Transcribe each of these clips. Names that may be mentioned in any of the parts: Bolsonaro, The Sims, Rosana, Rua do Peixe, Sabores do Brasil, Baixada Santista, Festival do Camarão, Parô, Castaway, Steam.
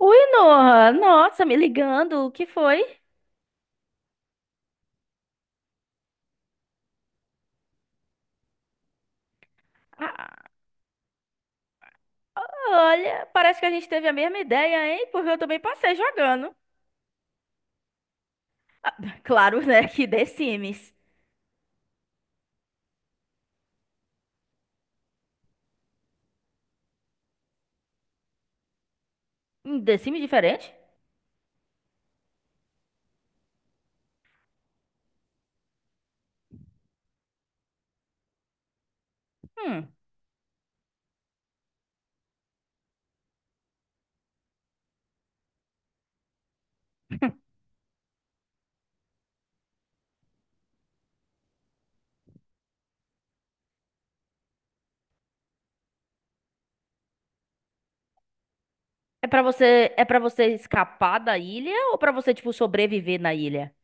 Ui, Noah, nossa, me ligando, o que foi? Ah, olha, parece que a gente teve a mesma ideia, hein? Porque eu também passei jogando. Ah, claro, né, que The Sims. The Sims diferente? Hum. É pra você, é para você escapar da ilha ou pra você, tipo, sobreviver na ilha?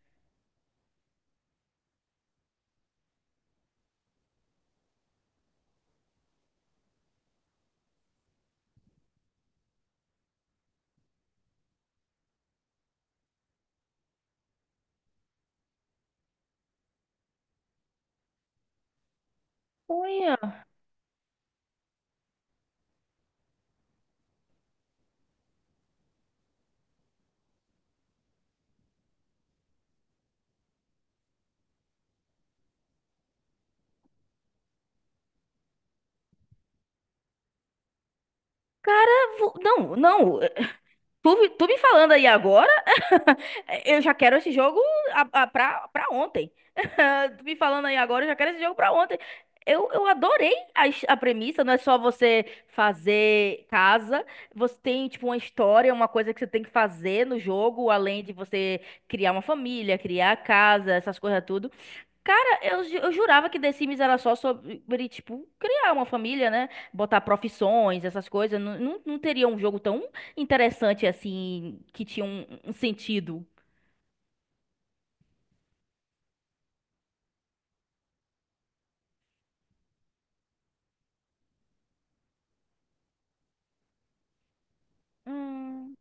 Olha, cara, vo- não, não, eh, tu me falando aí agora? Eu já quero esse jogo pra ontem. Tu me falando aí agora, eu já quero esse jogo pra ontem. Eu adorei a premissa, não é só você fazer casa, você tem, tipo, uma história, uma coisa que você tem que fazer no jogo, além de você criar uma família, criar a casa, essas coisas tudo. Cara, eu jurava que The Sims era só sobre, tipo, criar uma família, né? Botar profissões, essas coisas. Não, teria um jogo tão interessante assim, que tinha um sentido. Hum,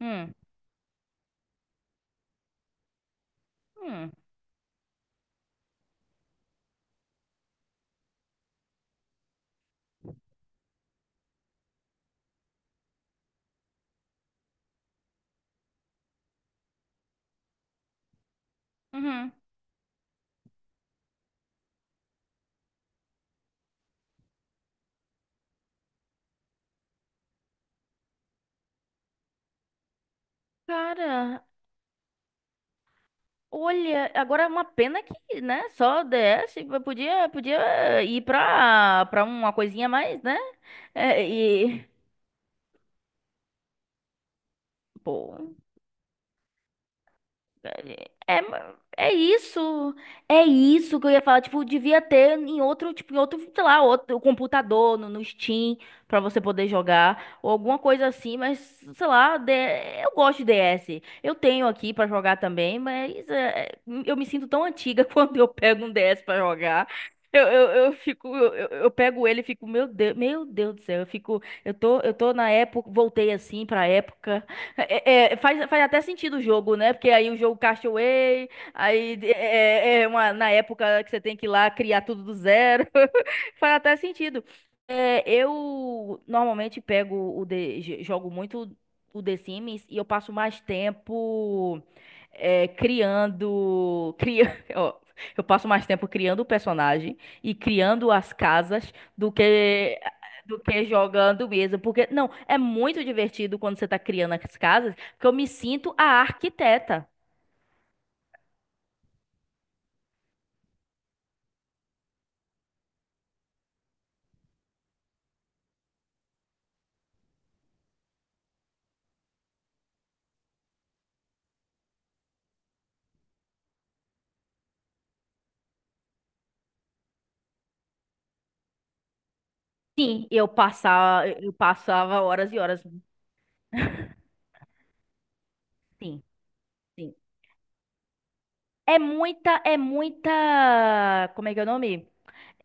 hum, hum, uhum. Cara, olha, agora é uma pena que, né, só DS, eu podia, podia ir pra uma coisinha mais, né, é, e, pô, É, é isso, é isso que eu ia falar, tipo, devia ter em outro, tipo, em outro, sei lá, outro computador, no Steam, pra você poder jogar, ou alguma coisa assim, mas, sei lá, eu gosto de DS, eu tenho aqui pra jogar também, mas é, eu me sinto tão antiga quando eu pego um DS pra jogar, eu fico, eu pego ele e fico, meu Deus do céu, eu fico, eu tô na época, voltei assim pra época. Faz até sentido o jogo, né? Porque aí o jogo Castaway, aí é uma, na época que você tem que ir lá criar tudo do zero. Faz até sentido. É, eu normalmente pego o jogo muito o The Sims e eu passo mais tempo criando, ó, eu passo mais tempo criando o personagem e criando as casas do que do que jogando mesmo, porque não, é muito divertido quando você tá criando as casas, porque eu me sinto a arquiteta. Sim, eu passava horas e horas. Sim, sim. É muita, como é que é o nome?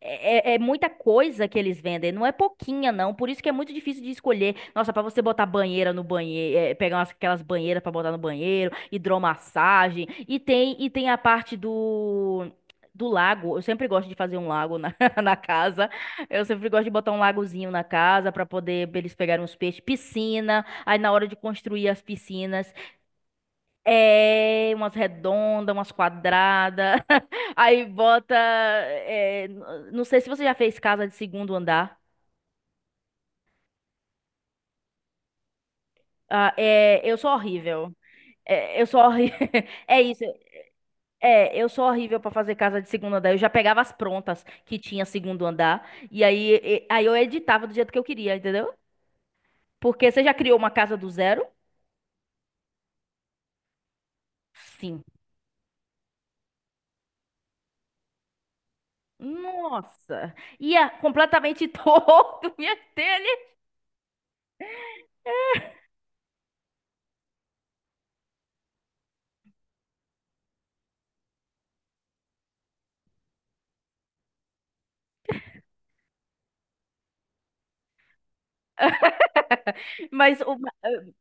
É muita coisa que eles vendem, não é pouquinha, não. Por isso que é muito difícil de escolher. Nossa, pra você botar banheira no banheiro, pegar umas- aquelas banheiras pra botar no banheiro, hidromassagem. E tem a parte do lago. Eu sempre gosto de fazer um lago na, na casa. Eu sempre gosto de botar um lagozinho na casa pra eles pegarem uns peixes. Piscina. Aí na hora de construir as piscinas, é, umas redondas, umas quadradas. Aí bota. É, não sei se você já fez casa de segundo andar. Ah, é, eu sou horrível. É, eu sou horrível. É isso. É, eu sou horrível pra fazer casa de segundo andar. Eu já pegava as prontas que tinha segundo andar. Aí eu editava do jeito que eu queria, entendeu? Porque você já criou uma casa do zero? Sim. Nossa! Ia completamente torto, minha telha. Mas o,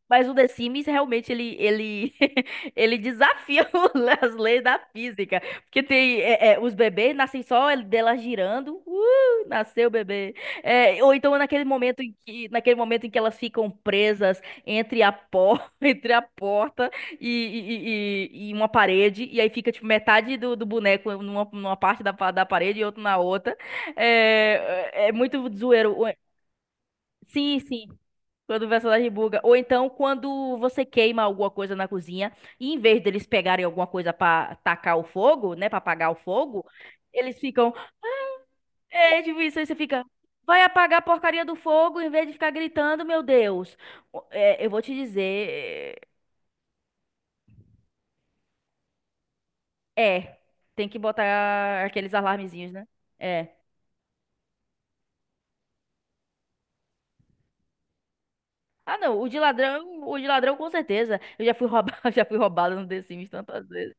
mas o The Sims realmente ele, ele desafia as leis da física. Porque tem os bebês nascem só dela girando. Nasceu o bebê. É, ou então naquele momento em que, naquele momento em que elas ficam presas entre entre a porta e, e, e uma parede. E aí fica tipo, metade do boneco numa parte da parede e outro na outra. É, é muito zoeiro. Sim, sim. Quando o personagem buga. Ou então, quando você queima alguma coisa na cozinha, e em vez deles pegarem alguma coisa pra tacar o fogo, né? Pra apagar o fogo, eles ficam. É, tipo isso, aí você fica. Vai apagar a porcaria do fogo em vez de ficar gritando, meu Deus. É, eu vou te dizer. É. Tem que botar aqueles alarmezinhos, né? É. Ah, não. O de ladrão com certeza. Eu já fui roubado, já fui roubado no The Sims tantas vezes.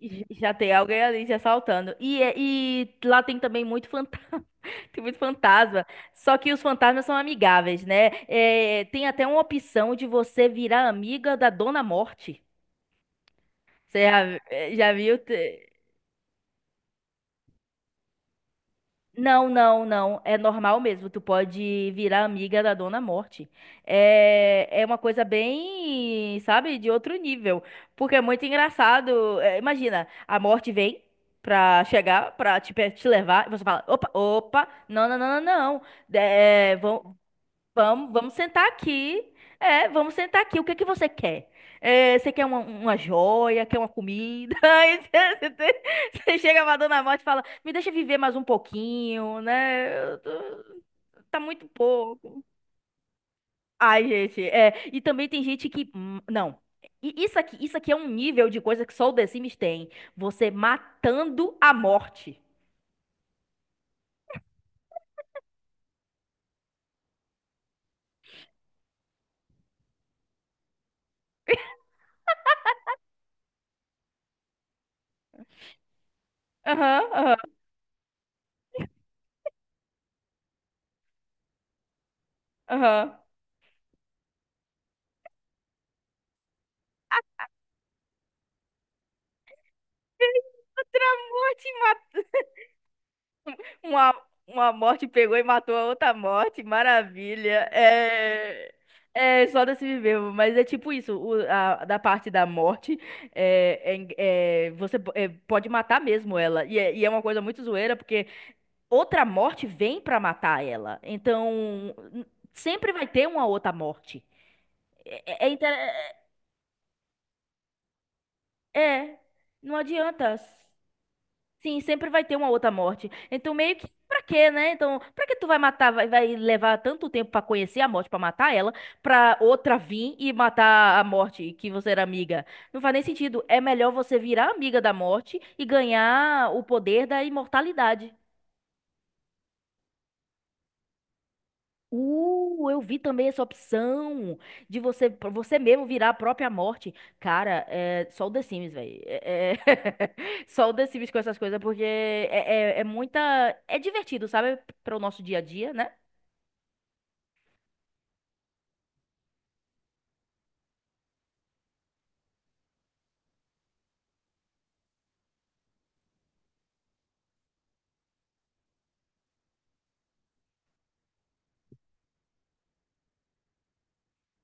E já tem alguém ali te assaltando. E, e lá tem também muito fantasma. Tem muito fantasma. Só que os fantasmas são amigáveis, né? É, tem até uma opção de você virar amiga da Dona Morte. Você já, eh, já viu? Não, não, não. É normal mesmo. Tu pode virar amiga da Dona Morte. É, é uma coisa bem, sabe, de outro nível. Porque é muito engraçado. É, imagina, a Morte vem pra chegar, pra te levar, e você fala: opa, opa, não, não, não, não, não. É, vão- Vamos, vamos sentar aqui. É, vamos sentar aqui. O que que você quer? É, você quer uma joia? Quer uma comida? Aí você você chega pra Dona Morte e fala: Me deixa viver mais um pouquinho, né? Eu tô- Tá muito pouco. Ai, gente, é. E também tem gente que. Hum, não. Isso aqui, isso aqui é um nível de coisa que só o The Sims tem. Você matando a morte. Aham, aham, aham. Uma, uma morte pegou e matou a outra morte, maravilha. É, é só desse viver, mas é tipo isso, da parte da morte, é, você é, pode matar mesmo ela. E é uma coisa muito zoeira, porque outra morte vem pra matar ela. Então, sempre vai ter uma outra morte. É, é, é, inter- é, é, não adianta. Sim, sempre vai ter uma outra morte. Então, meio que pra quê, né? Então, pra que tu vai matar, vai levar tanto tempo pra conhecer a morte, pra matar ela, pra outra vir e matar a morte que você era amiga? Não faz nem sentido. É melhor você virar amiga da morte e ganhar o poder da imortalidade. Eu vi também essa opção de você pra você mesmo virar a própria morte. Cara, é só o The Sims, velho. É, só o The Sims com essas coisas, porque é muita. É divertido, sabe? Para o nosso dia a dia, né?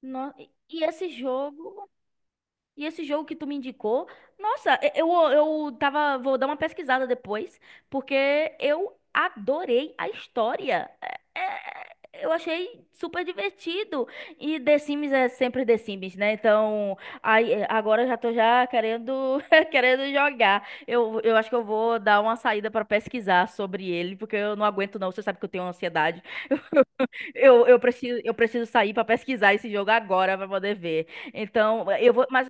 No- E esse jogo. E esse jogo que tu me indicou, nossa, eu tava, vou dar uma pesquisada depois, porque eu adorei a história. É- é- eu achei super divertido. E The Sims é sempre The Sims, né? Então, aí, é, agora eu já tô já querendo, querendo jogar. Eu acho que eu vou dar uma saída pra pesquisar sobre ele, porque eu não aguento não, você sabe que eu tenho ansiedade. Eu preciso, eu preciso sair pra pesquisar esse jogo agora pra poder ver. Então, eu vou, mas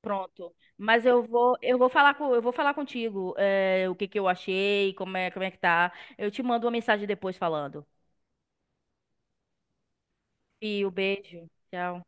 pronto. Mas eu vou, eu vou falar contigo, eh, o que que eu achei, como é que tá. Eu te mando uma mensagem depois falando. E o beijo. Tchau.